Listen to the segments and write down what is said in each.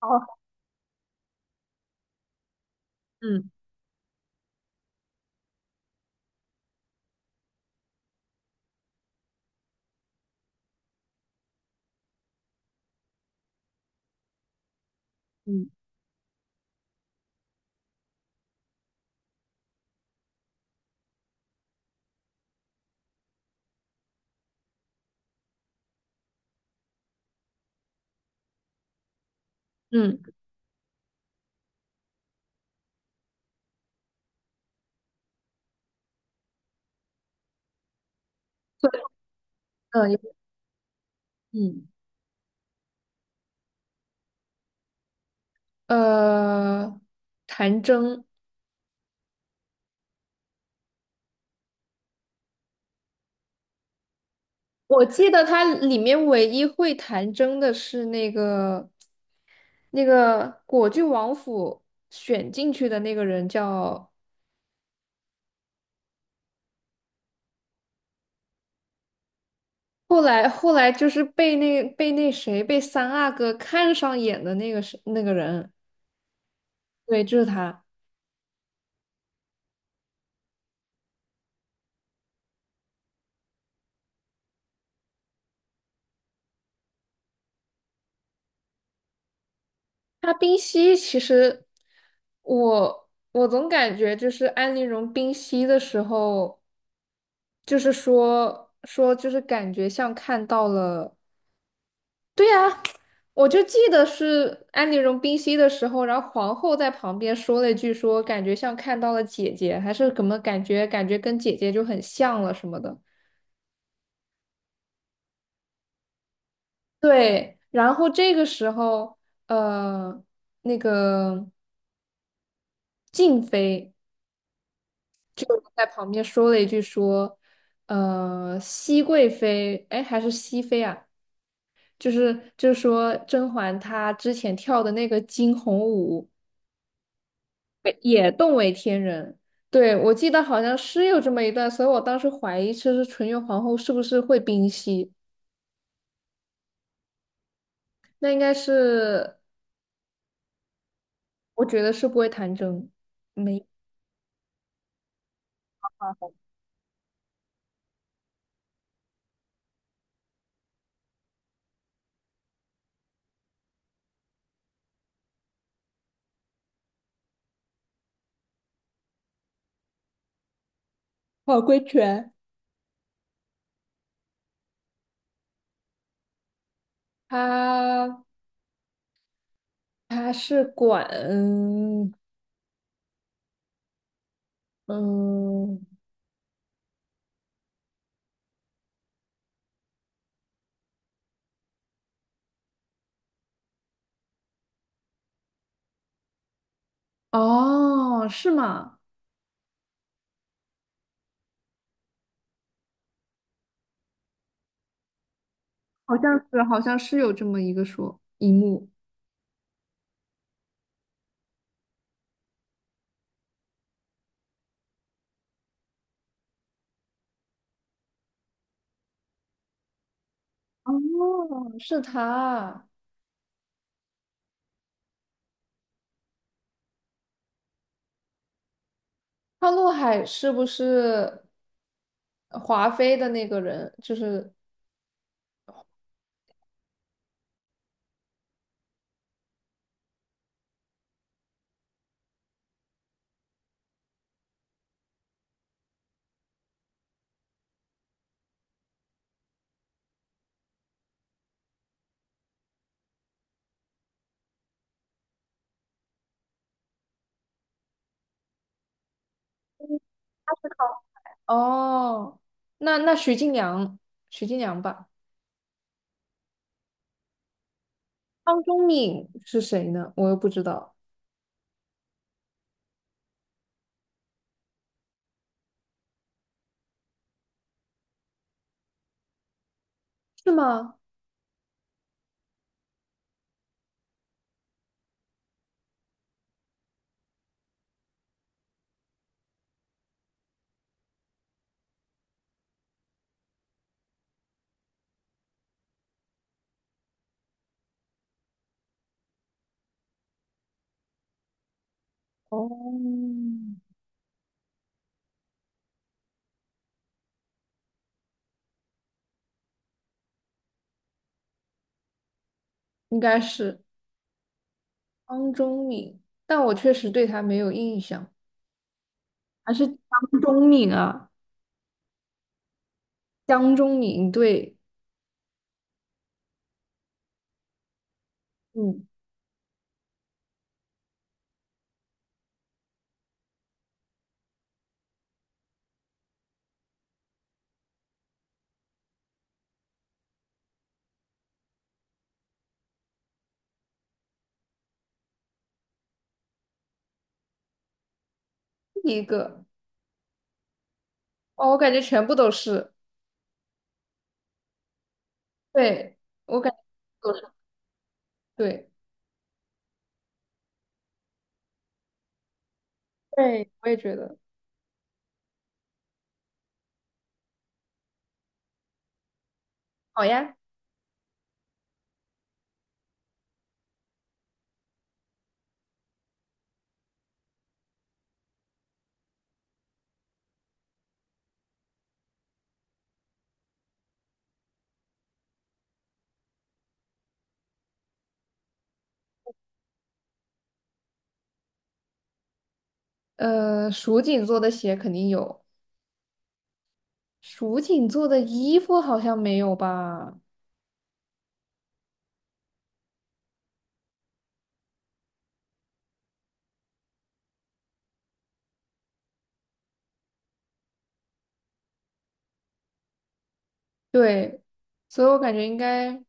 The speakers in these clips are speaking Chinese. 哦，嗯嗯嗯，对，嗯，嗯呃，弹筝。我记得它里面唯一会弹筝的是那个果郡王府选进去的那个人叫，后来就是被那被那谁被三阿哥看上眼的那个是那个人，对，就是他。他冰溪其实我总感觉就是安陵容冰溪的时候。就是说说就是感觉像看到了，我就记得是安陵容冰嬉的时候，然后皇后在旁边说了一句说感觉像看到了姐姐，还是怎么感觉跟姐姐就很像了什么的。对，然后这个时候，呃，那个静妃就在旁边说了一句说，熹贵妃，哎，还是熹妃啊？就是说甄嬛她之前跳的那个惊鸿舞，为也动为天人。对，我记得好像是有这么一段，所以我当时怀疑，其是纯元皇后是不是会冰嬉？那应该是。我觉得是不会弹筝，没好规全。他他是管，嗯。哦，是吗？好像是，好像是有这么一个说一幕。哦，是他。潘陆海是不是华妃的那个人？就是。哦，那那徐静良，徐静良吧。汤中敏是谁呢？我又不知道。是吗？哦，应该是汤中敏，但我确实对他没有印象。还是江中敏啊？江中敏，对，嗯。第一个。哦，我感觉全部都是。对，我感觉都是，对，对，我也觉得。好呀。蜀锦做的鞋肯定有。蜀锦做的衣服好像没有吧？对，所以我感觉应该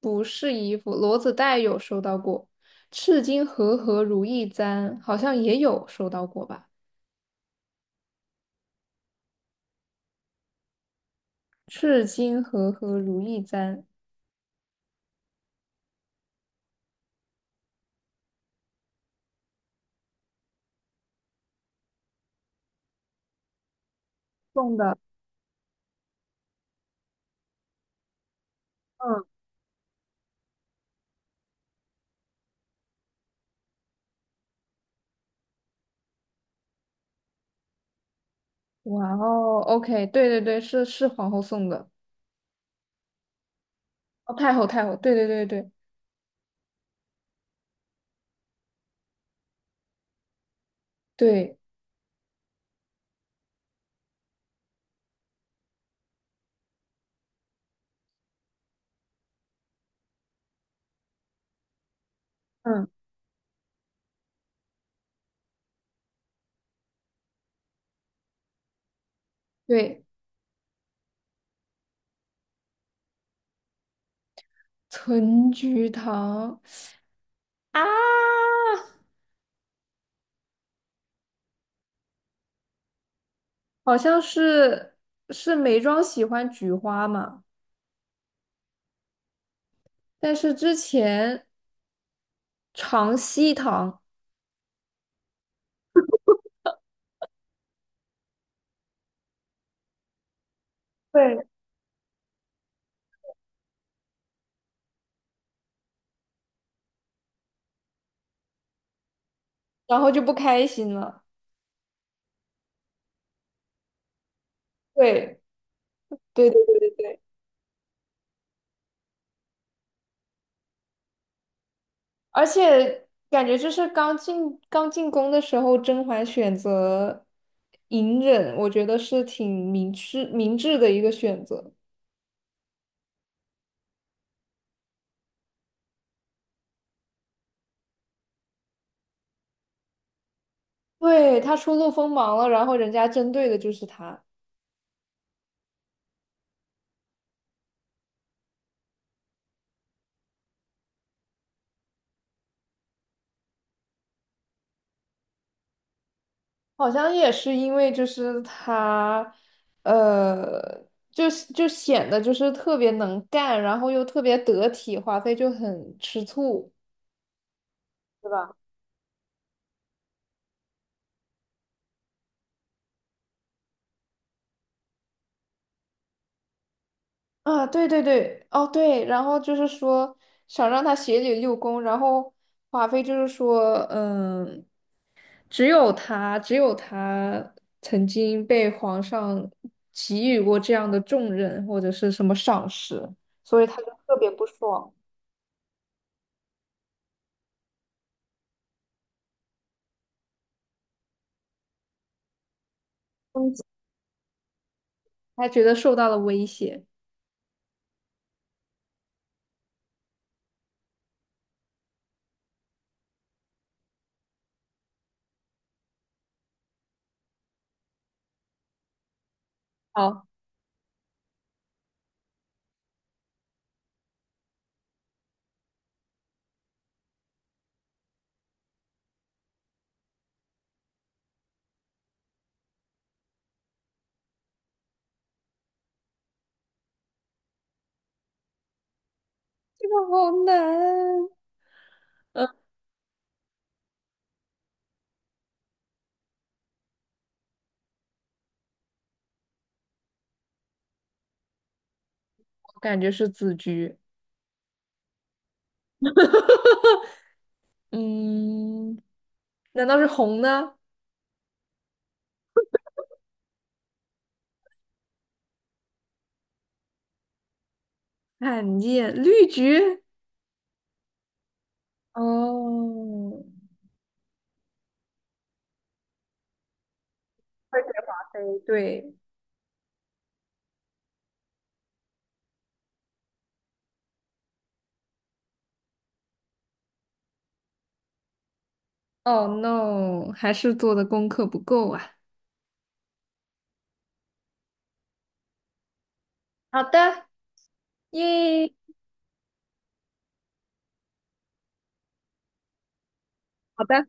不是衣服。罗子带有收到过。赤金和和如意簪好像也有收到过吧？赤金和和如意簪送的，嗯。哇哦，OK，对对对，是是皇后送的。哦，太后太后，对对对对对，嗯，对。存菊堂啊。好像是是眉庄喜欢菊花嘛。但是之前长希堂。对，然后就不开心了。对，对对。而且感觉就是刚进宫的时候，甄嬛选择隐忍，我觉得是挺明智的一个选择。对，她初露锋芒了，然后人家针对的就是她。好像也是因为就是她，呃，就显得就是特别能干，然后又特别得体，华妃就很吃醋。对吧？啊，对对对，哦对，然后就是说想让他协理六宫。然后华妃就是说，嗯，只有他，只有他曾经被皇上给予过这样的重任或者是什么赏识，所以他就特别不爽，嗯。他觉得受到了威胁。好。这个好难。嗯，我感觉是紫菊。嗯，难道是红呢？罕见绿菊。哦。会飞华妃，对。O h no,还是做的功课不够啊。好的。耶。好的。